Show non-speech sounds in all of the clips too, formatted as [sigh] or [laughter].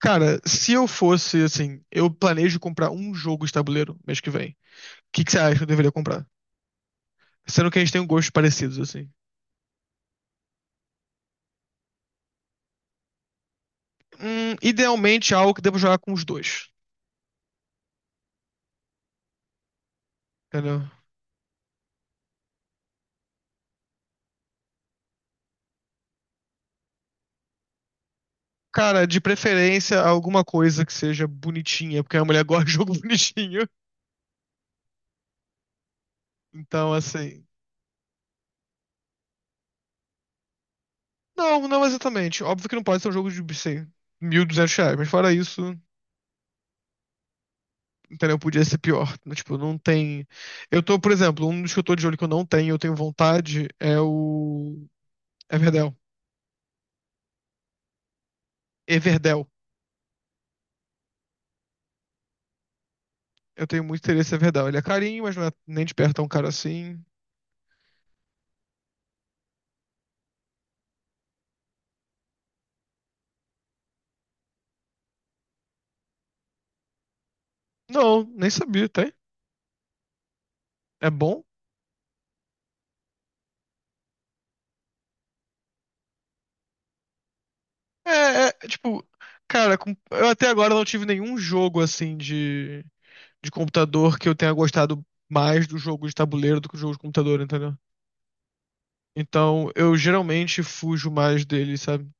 Cara, se eu fosse assim, eu planejo comprar um jogo de tabuleiro mês que vem. O que que você acha que eu deveria comprar? Sendo que a gente tem um gosto parecidos, assim. Idealmente algo que devo jogar com os dois. Entendeu? Cara, de preferência alguma coisa que seja bonitinha, porque a mulher [laughs] gosta de jogo [laughs] bonitinho. Então, assim. Não, não exatamente. Óbvio que não pode ser um jogo de, sei, 1.200 reais, mas fora isso, entendeu? Podia ser pior. Tipo, não tem. Eu tô, por exemplo, um dos que eu tô de olho que eu não tenho, eu tenho vontade, é o. Everdell. Everdell. Eu tenho muito interesse em Everdell. Ele é carinho, mas não é nem de perto tão caro assim. Não, nem sabia, tem. É bom? É, tipo, cara, eu até agora não tive nenhum jogo assim de computador que eu tenha gostado mais do jogo de tabuleiro do que o jogo de computador, entendeu? Então, eu geralmente fujo mais dele, sabe?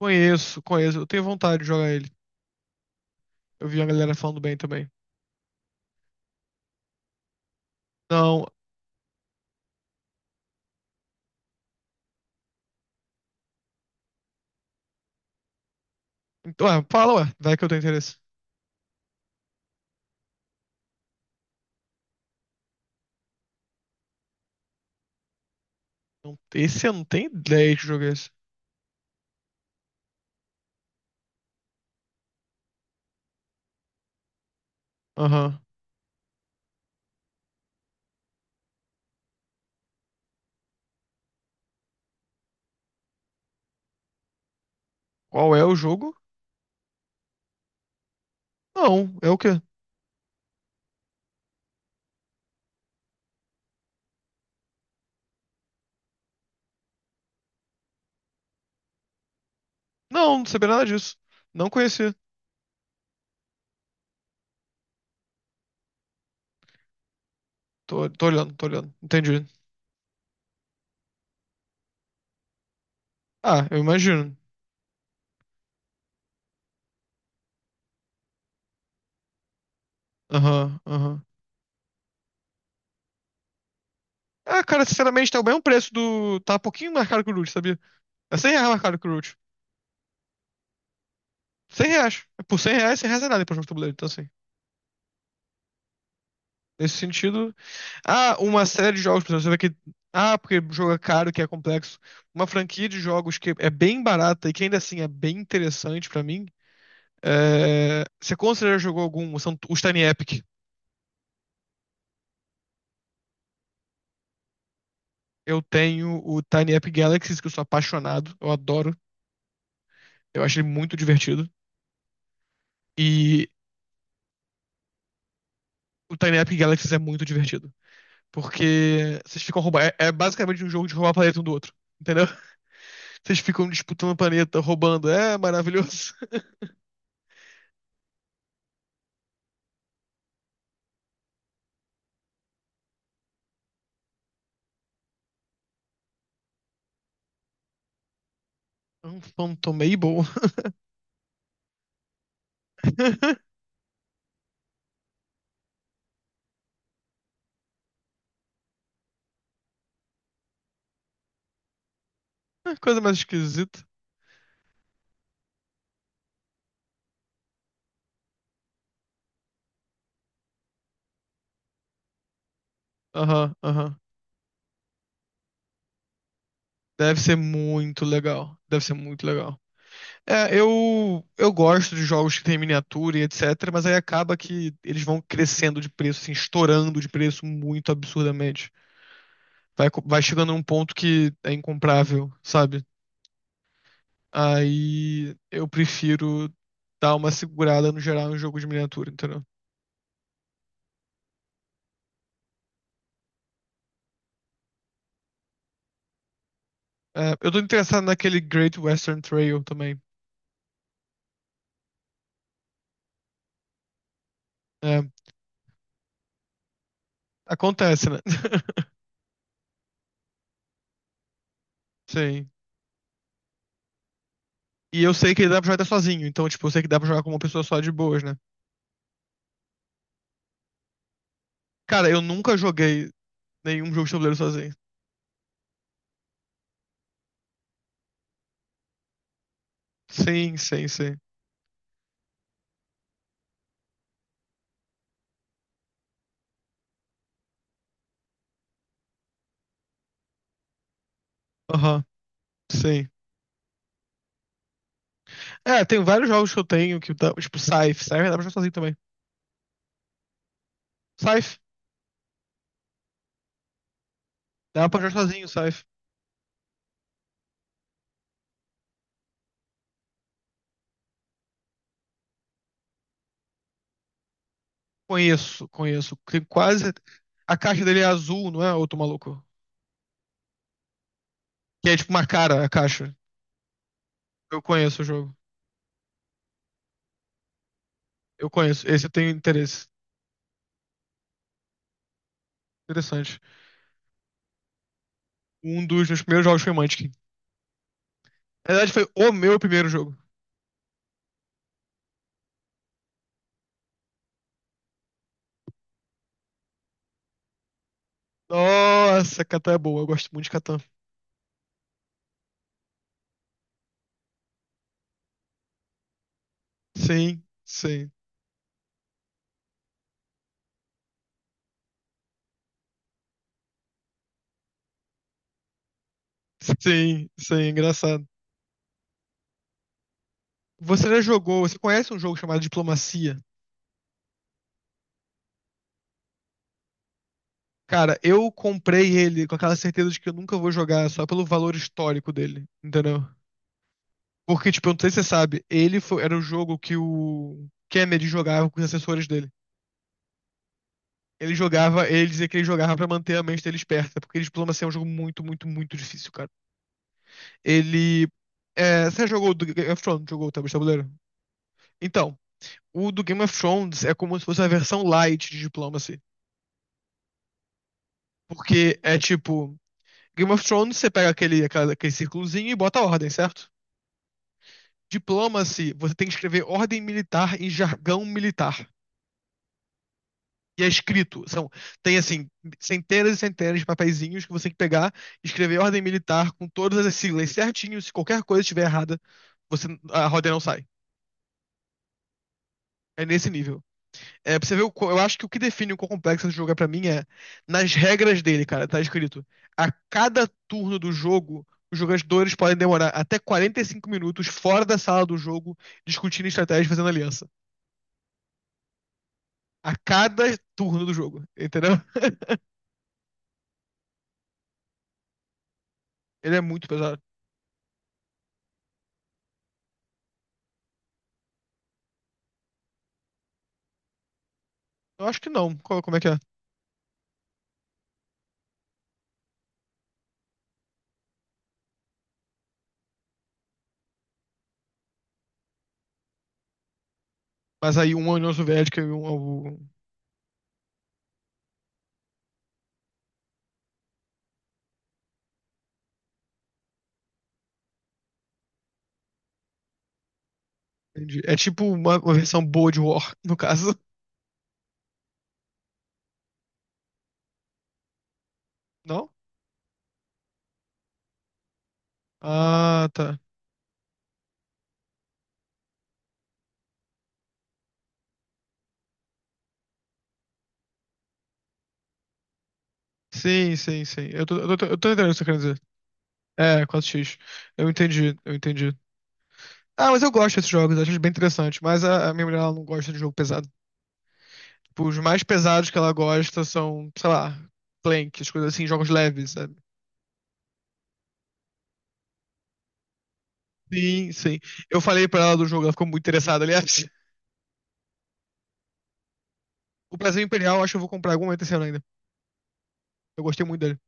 Conheço, conheço. Eu tenho vontade de jogar ele. Eu vi a galera falando bem também. Não, então, ué, fala, ué, vai que eu tenho interesse. Não, esse eu não tenho ideia de jogar esse. Aham. Qual é o jogo? Não, é o quê? Não, não sabia nada disso. Não conhecia. Tô olhando, tô olhando. Entendi. Ah, eu imagino. Aham, aham. Ah, cara, sinceramente, tá o mesmo preço do. Tá um pouquinho mais caro que o Root, sabia? É 100 reais mais caro que o Root. 100 reais. É, por 100 reais, 100 reais é nada pra jogo de tabuleiro. Então, assim. Nesse sentido. Ah, uma série de jogos, por exemplo, você vê que. Ah, porque jogo é caro, que é complexo. Uma franquia de jogos que é bem barata e que ainda assim é bem interessante pra mim. É... Você considera jogou algum? São os Tiny Epic. Eu tenho o Tiny Epic Galaxies, que eu sou apaixonado, eu adoro, eu acho ele muito divertido. E o Tiny Epic Galaxies é muito divertido, porque vocês ficam roubando. É basicamente um jogo de roubar planeta um do outro, entendeu? [laughs] Vocês ficam disputando o planeta, roubando. É maravilhoso. [laughs] É Um Phantom Mabel. [laughs] Coisa mais esquisita. Aham, aham. Deve ser muito legal. Deve ser muito legal. É, eu gosto de jogos que tem miniatura e etc, mas aí acaba que eles vão crescendo de preço, assim, estourando de preço muito absurdamente. Vai, vai chegando num ponto que é incomprável, sabe? Aí eu prefiro dar uma segurada no geral em jogo de miniatura, entendeu? É, eu tô interessado naquele Great Western Trail também. É, acontece, né? [laughs] Sim. E eu sei que ele dá pra jogar até sozinho, então, tipo, eu sei que dá pra jogar com uma pessoa só de boas, né? Cara, eu nunca joguei nenhum jogo de tabuleiro sozinho. Sim, sim, sim. Aham, sim. É, tem vários jogos que eu tenho que dá, tipo Scythe. Scythe dá pra jogar sozinho também. Scythe, dá pra jogar sozinho, Scythe. Conheço, conheço. Tem quase. A caixa dele é azul, não é, outro maluco? Que é tipo uma cara, a caixa. Eu conheço o jogo. Eu conheço. Esse eu tenho interesse. Interessante. Um dos meus primeiros jogos foi Munchkin. Na verdade, foi o meu primeiro jogo. Nossa, Catan é boa. Eu gosto muito de Catan. Sim, sim. Sim, sim, engraçado. Você já jogou, você conhece um jogo chamado Diplomacia? Cara, eu comprei ele com aquela certeza de que eu nunca vou jogar só pelo valor histórico dele, entendeu? Porque, tipo, eu não sei se você sabe, era o jogo que o Kennedy jogava com os assessores dele. Ele jogava, ele dizia que ele jogava pra manter a mente dele esperta, porque Diplomacia é um jogo muito, muito, muito difícil, cara. Ele. É, você já jogou o do Game of Thrones? Jogou o tabuleiro? Então, o do Game of Thrones é como se fosse a versão light de Diplomacy. Porque é tipo. Game of Thrones, você pega aquele círculozinho e bota a ordem, certo? Diplomacy, você tem que escrever ordem militar em jargão militar. E é escrito. São, tem, assim, centenas e centenas de papeizinhos que você tem que pegar, escrever ordem militar com todas as siglas certinho. Se qualquer coisa estiver errada, você, a ordem não sai. É nesse nível. É, pra você ver, eu acho que o que define o quão complexo esse jogo é pra mim é nas regras dele, cara. Tá escrito: a cada turno do jogo, os jogadores podem demorar até 45 minutos fora da sala do jogo discutindo estratégia e fazendo aliança. A cada turno do jogo, entendeu? Ele é muito pesado. Eu acho que não. Como é que é? Mas aí um é a União Soviética e um é o. Entendi. É tipo uma versão boa de War, [laughs] no caso. Não? Ah, tá. Sim, sim, sim. Eu tô entendendo o que você quer dizer. É, quatro x. Eu entendi, eu entendi. Ah, mas eu gosto desses jogos, acho eles bem interessante. Mas a minha mulher ela não gosta de jogo pesado. Tipo, os mais pesados que ela gosta são, sei lá, Plank, as coisas assim, jogos leves, sabe? Sim, sim. Eu falei pra ela do jogo, ela ficou muito interessada, aliás. [laughs] O Brasil Imperial, acho que eu vou comprar algum momento esse ano ainda. Eu gostei muito dele.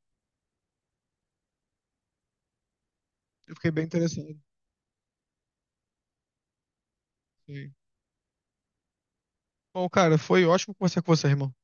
Eu fiquei bem interessado. Sim. Bom, cara, foi ótimo conversar com você, irmão.